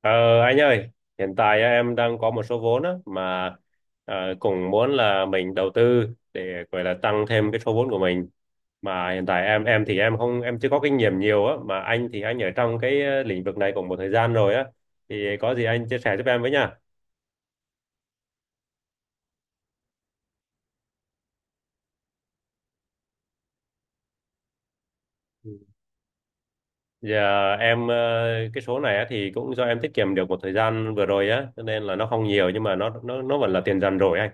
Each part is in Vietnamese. Ờ, anh ơi, hiện tại á, em đang có một số vốn á, mà ờ, cũng muốn là mình đầu tư để gọi là tăng thêm cái số vốn của mình. Mà hiện tại em thì em không em chưa có kinh nghiệm nhiều á, mà anh thì anh ở trong cái lĩnh vực này cũng một thời gian rồi á, thì có gì anh chia sẻ giúp em với nha. Ừ. Giờ em cái số này á, thì cũng do em tiết kiệm được một thời gian vừa rồi á, cho nên là nó không nhiều nhưng mà nó vẫn là tiền dần rồi anh.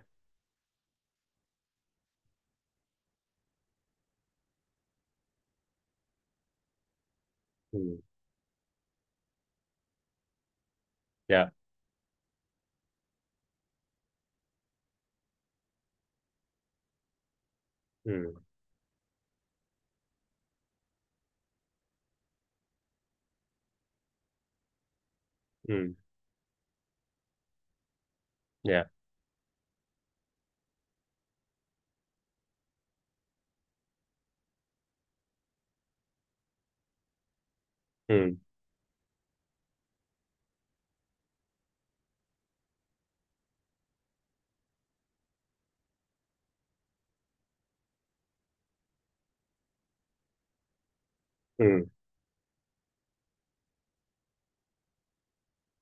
Ừ. Dạ, ừ, ừ, dạ, ừ, ừ,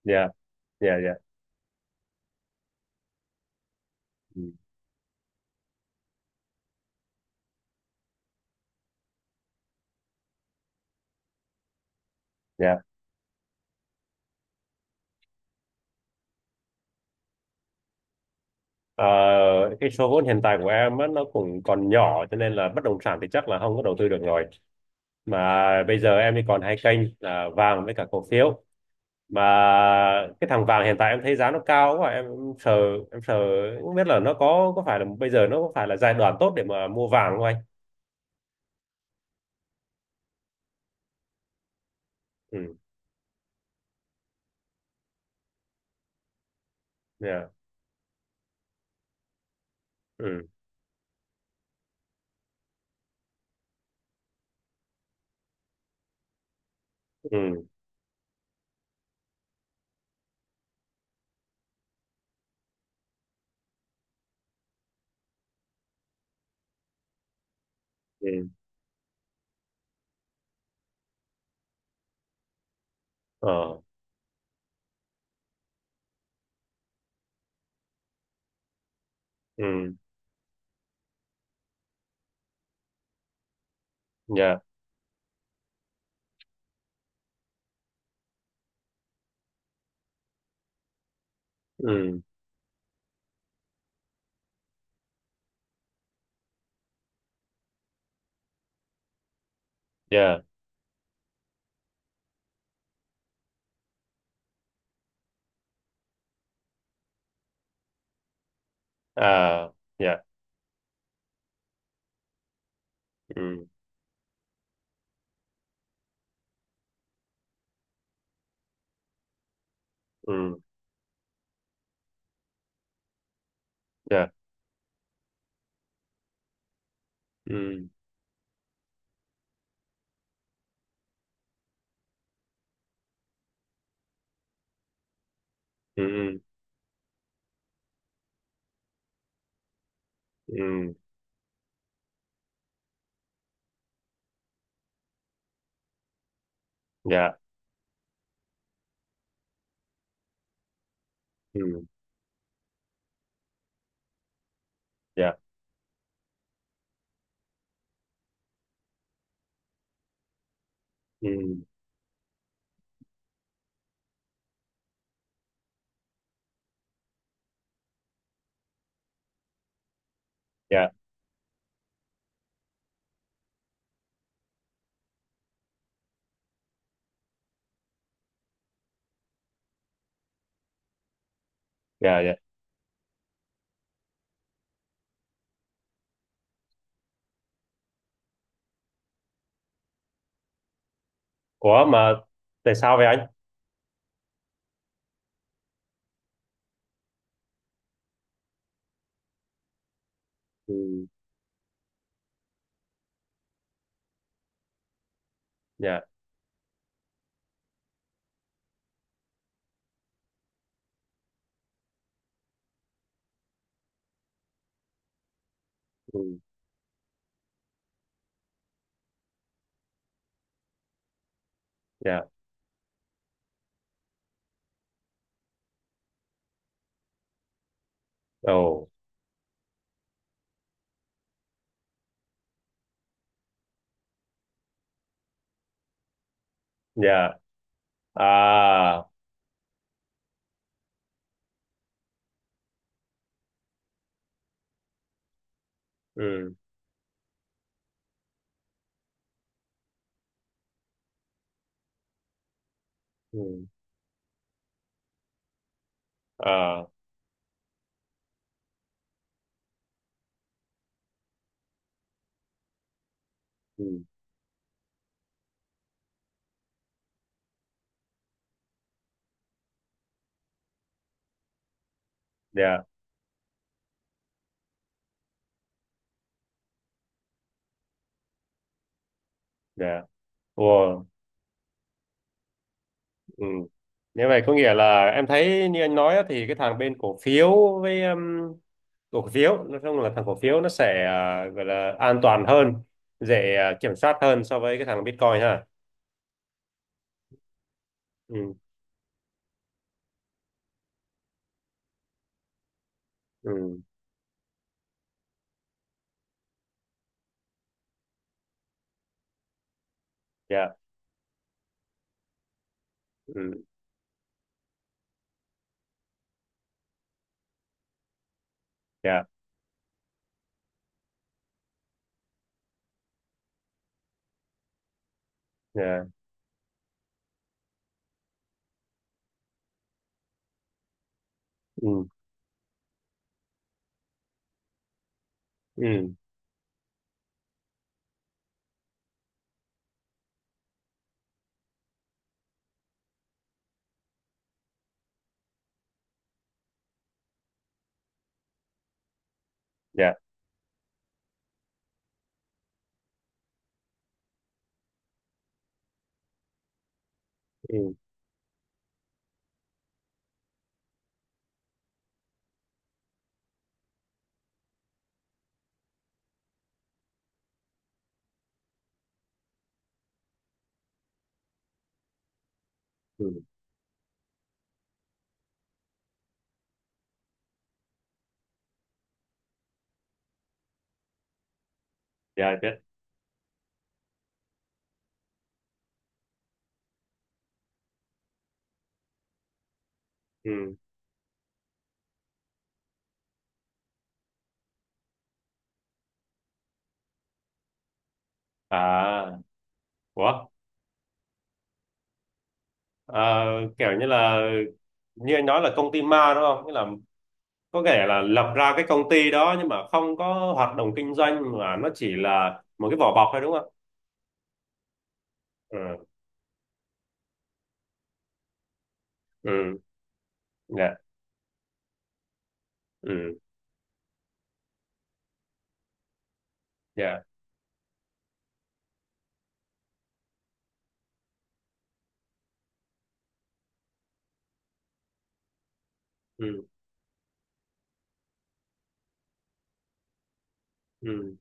dạ, dạ, dạ. Dạ, ừ. Dạ. Ờ, cái số vốn hiện tại của em á, nó cũng còn nhỏ cho nên là bất động sản thì chắc là không có đầu tư được rồi. Mà bây giờ em thì còn hai kênh là vàng với cả cổ phiếu. Mà cái thằng vàng hiện tại em thấy giá nó cao quá, sợ em sợ không biết là nó có phải là bây giờ nó có phải là giai đoạn tốt để mà mua vàng không anh? Ừ. Dạ. Ừ. Ừ. Ừ. Ờ. Ừ. Dạ. Ừ. Dạ. À. Dạ. Ừ. Ừ. Dạ. Ừ. Ừ. Ừ. Ừ. Dạ. Ừ. Dạ, ừ, dạ, dạ, dạ. Ủa mà tại sao vậy anh? Ừ. Dạ. Ừ. Dạ. Ồ. Dạ. À. Ừ. Ừ. À. Ừ. Dạ. Dạ. Ồ. Ừ. Như vậy có nghĩa là em thấy như anh nói á, thì cái thằng bên cổ phiếu với cổ phiếu nói chung là thằng cổ phiếu nó sẽ gọi là an toàn hơn, dễ kiểm soát hơn so với cái thằng Bitcoin ha. Ừ. Ừ. Dạ. Ừ. Dạ. Dạ. Ừ. Ừ. Dạ. Ừ. Ừ. Dạ biết. Ừ. À. Ủa. Ờ, kiểu như là như anh nói là công ty ma đúng không, nghĩa là có thể là lập ra cái công ty đó nhưng mà không có hoạt động kinh doanh mà nó chỉ là một cái vỏ bọc thôi đúng không? Ừ. Ừ. Dạ. Ừ. Dạ. Ừ. Ừ.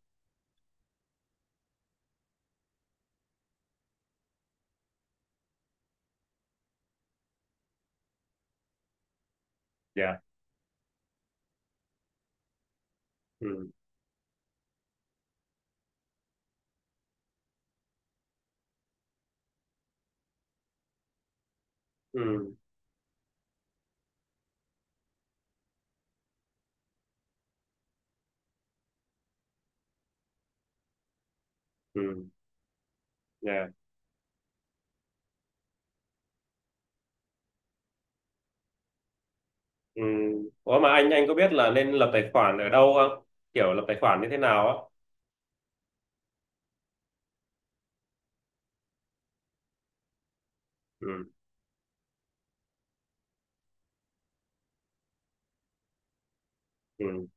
Dạ. Ừ. Ừ. Ừ. Dạ. Ừ. Ủa mà anh có biết là nên lập tài khoản ở đâu không? Kiểu lập tài khoản như thế nào á? Ừ. Ừ.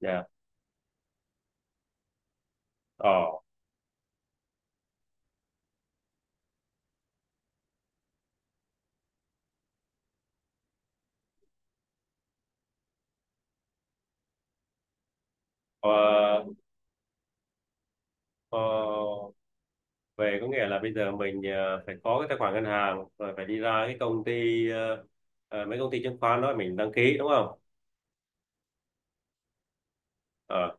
Dạ. Ờ. Ờ. Ờ, về có nghĩa là bây giờ mình phải có cái tài khoản ngân hàng rồi phải đi ra cái công ty mấy công ty chứng khoán đó mình đăng ký đúng không? Ờ.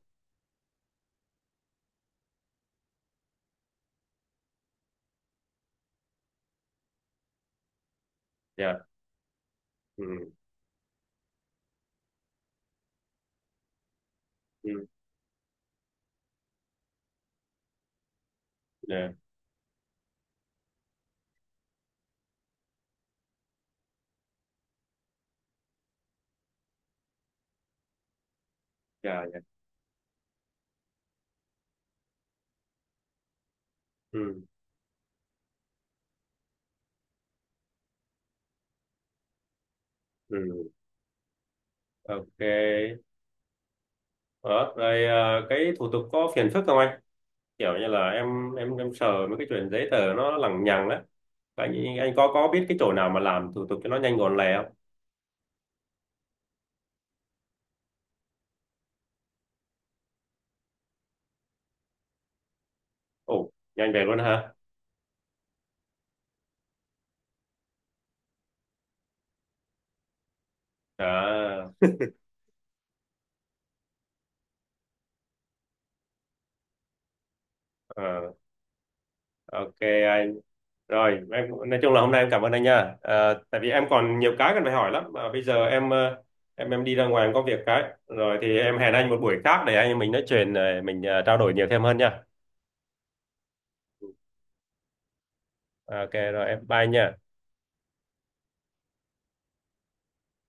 Dạ. Ừ. Ừ. Dạ. Dạ. Dạ. Ừ. Ừ. Ok. Đó rồi, cái thủ tục có phiền phức không anh? Kiểu như là em sợ mấy cái chuyện giấy tờ nó lằng nhằng á. Anh có biết cái chỗ nào mà làm thủ tục cho nó nhanh gọn lẹ không? Ồ, nhanh về luôn ha. À, à. Ok anh. Rồi, em nói chung là hôm nay em cảm ơn anh nha. Ờ, tại vì em còn nhiều cái cần phải hỏi lắm mà bây giờ em em đi ra ngoài em có việc cái. Rồi thì em hẹn anh một buổi khác để anh em mình nói chuyện mình trao đổi nhiều thêm hơn nha. Ok rồi, em bye nha.